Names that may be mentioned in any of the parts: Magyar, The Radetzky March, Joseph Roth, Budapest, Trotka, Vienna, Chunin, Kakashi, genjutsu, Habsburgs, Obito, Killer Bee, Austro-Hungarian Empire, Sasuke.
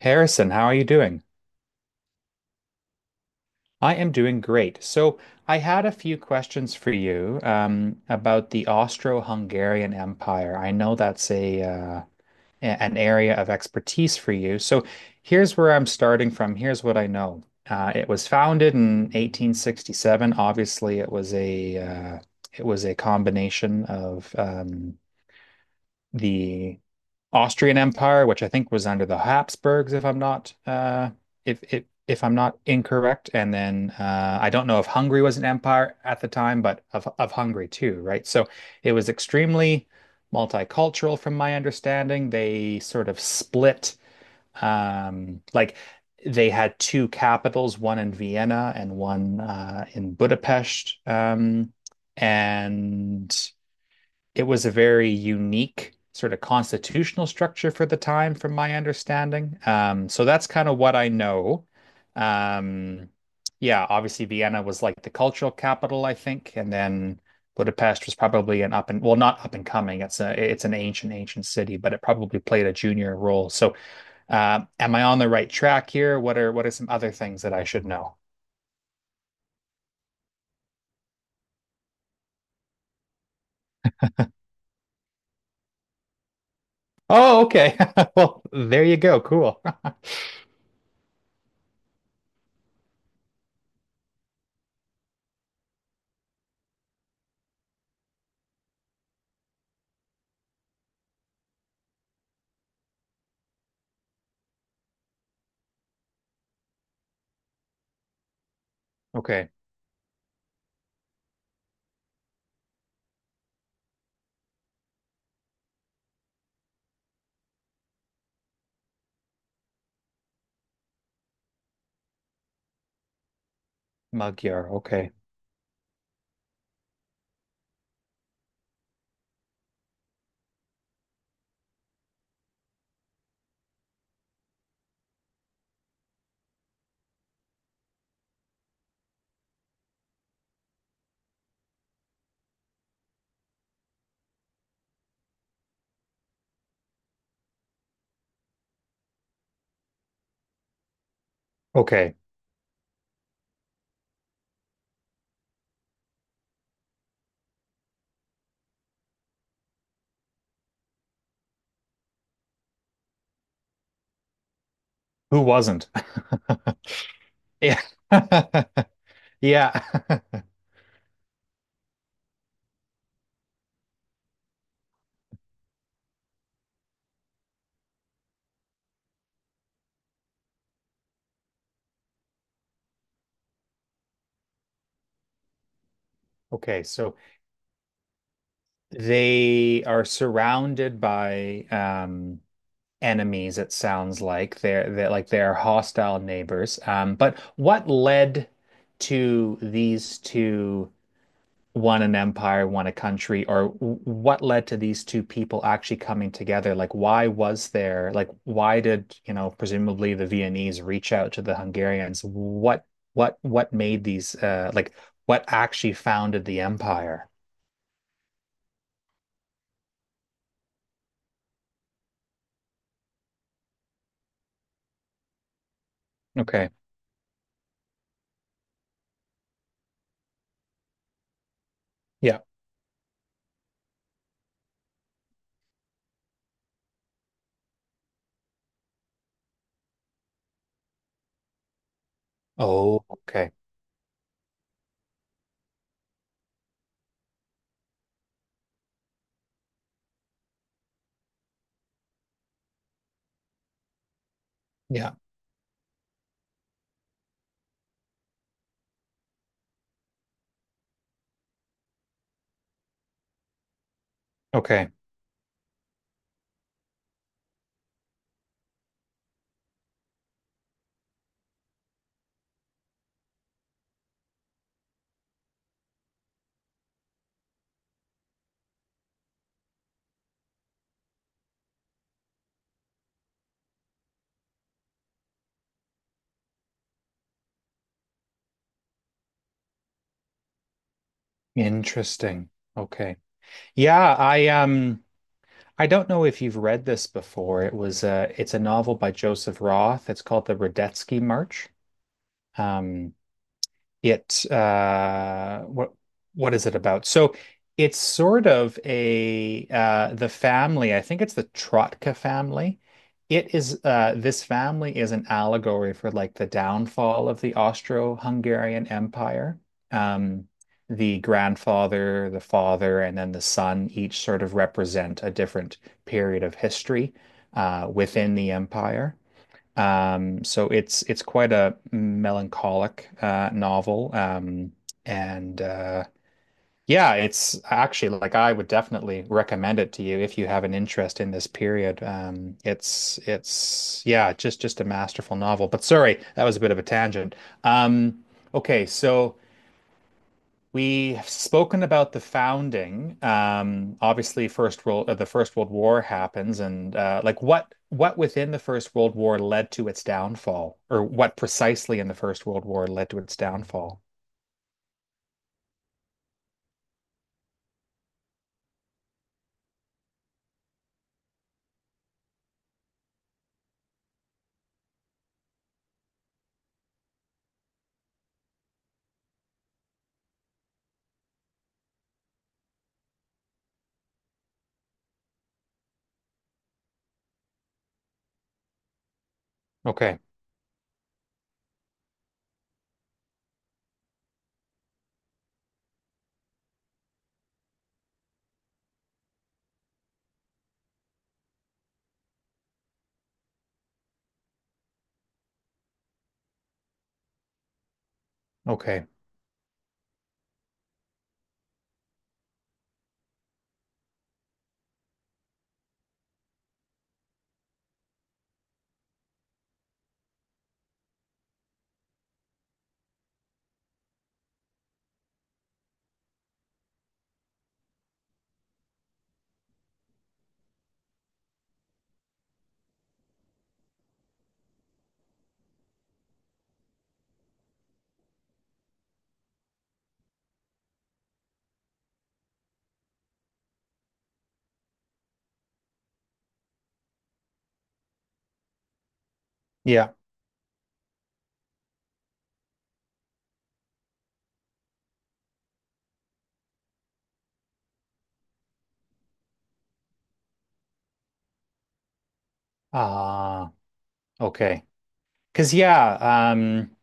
Harrison, how are you doing? I am doing great. So, I had a few questions for you about the Austro-Hungarian Empire. I know that's an area of expertise for you. So, here's where I'm starting from. Here's what I know. It was founded in 1867. Obviously, it was a combination of the Austrian Empire, which I think was under the Habsburgs, if I'm not if if if I'm not incorrect. And then I don't know if Hungary was an empire at the time, but of Hungary too, right? So it was extremely multicultural, from my understanding. They sort of split, like they had two capitals, one in Vienna and one in Budapest, and it was a very unique sort of constitutional structure for the time, from my understanding. So that's kind of what I know. Um, yeah, obviously Vienna was like the cultural capital, I think, and then Budapest was probably an up and well, not up and coming. It's an ancient, ancient city, but it probably played a junior role. So, am I on the right track here? What are some other things that I should know? Oh, okay. Well, there you go. Cool. Okay. Magyar. Okay. Okay. Who wasn't? Yeah. Yeah. Okay. So they are surrounded by enemies, it sounds like. They're hostile neighbors. But what led to these two, one an empire, one a country, or what led to these two people actually coming together? Like, why did, presumably the Viennese reach out to the Hungarians. What, what made these, uh, like, what actually founded the empire? Okay. Yeah. Oh, okay. Yeah. Okay. Interesting. Okay. Yeah, I don't know if you've read this before. It's a novel by Joseph Roth. It's called The Radetzky March. Um, it what is it about? So it's sort of a the family, I think it's the Trotka family. It is this family is an allegory for like the downfall of the Austro-Hungarian Empire. Um the grandfather, the father, and then the son each sort of represent a different period of history within the empire. So it's quite a melancholic novel, and yeah, it's actually like I would definitely recommend it to you if you have an interest in this period. It's yeah, just a masterful novel. But sorry, that was a bit of a tangent. Um, okay, so, we've spoken about the founding. Obviously, first world the First World War happens, and like what within the First World War led to its downfall, or what precisely in the First World War led to its downfall? Okay, okay, yeah, ah, okay, because yeah, um,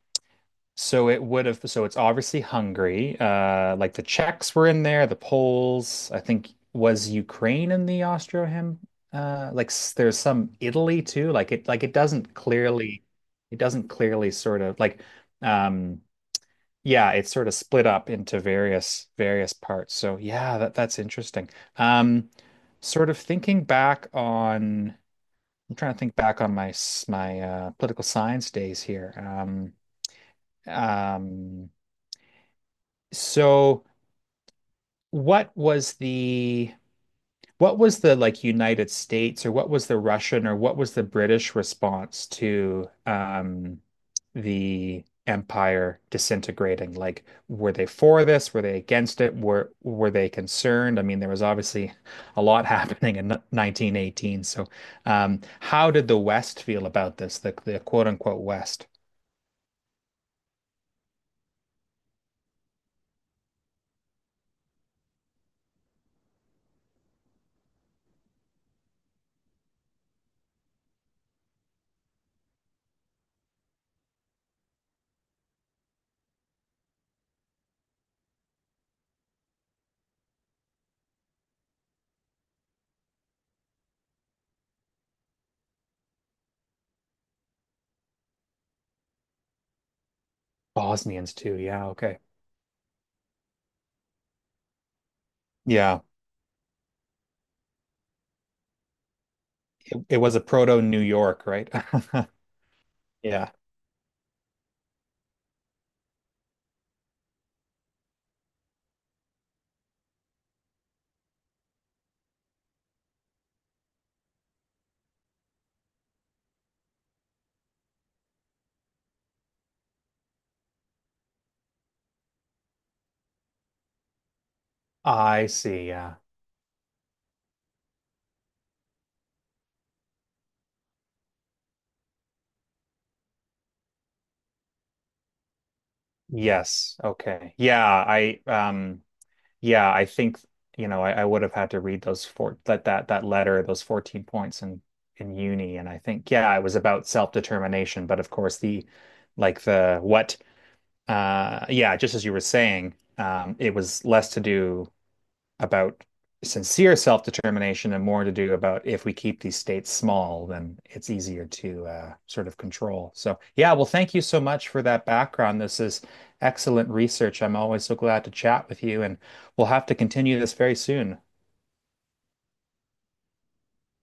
so it's obviously Hungary. Like the Czechs were in there, the Poles, I think was Ukraine in the Austro-Hem like s- there's some Italy too. Like it doesn't clearly it doesn't clearly sort of like um yeah, it's sort of split up into various parts. So, yeah, that's interesting. Um sort of thinking back on I'm trying to think back on my political science days here. Um so what was the what was the like United States, or what was the Russian, or what was the British response to the empire disintegrating? Like, were they for this? Were they against it? Were they concerned? I mean, there was obviously a lot happening in 1918. So, how did the West feel about this? The quote unquote West. Bosnians too. Yeah, okay. Yeah. It was a proto New York, right? Yeah. I see. Yeah. Yes. Okay. Yeah. I, yeah, I think, you know, I would have had to read those four, that letter, those 14 points in uni. And I think, yeah, it was about self-determination, but of course the like the what yeah, just as you were saying, it was less to do about sincere self-determination and more to do about if we keep these states small, then it's easier to sort of control. So, yeah, well, thank you so much for that background. This is excellent research. I'm always so glad to chat with you, and we'll have to continue this very soon.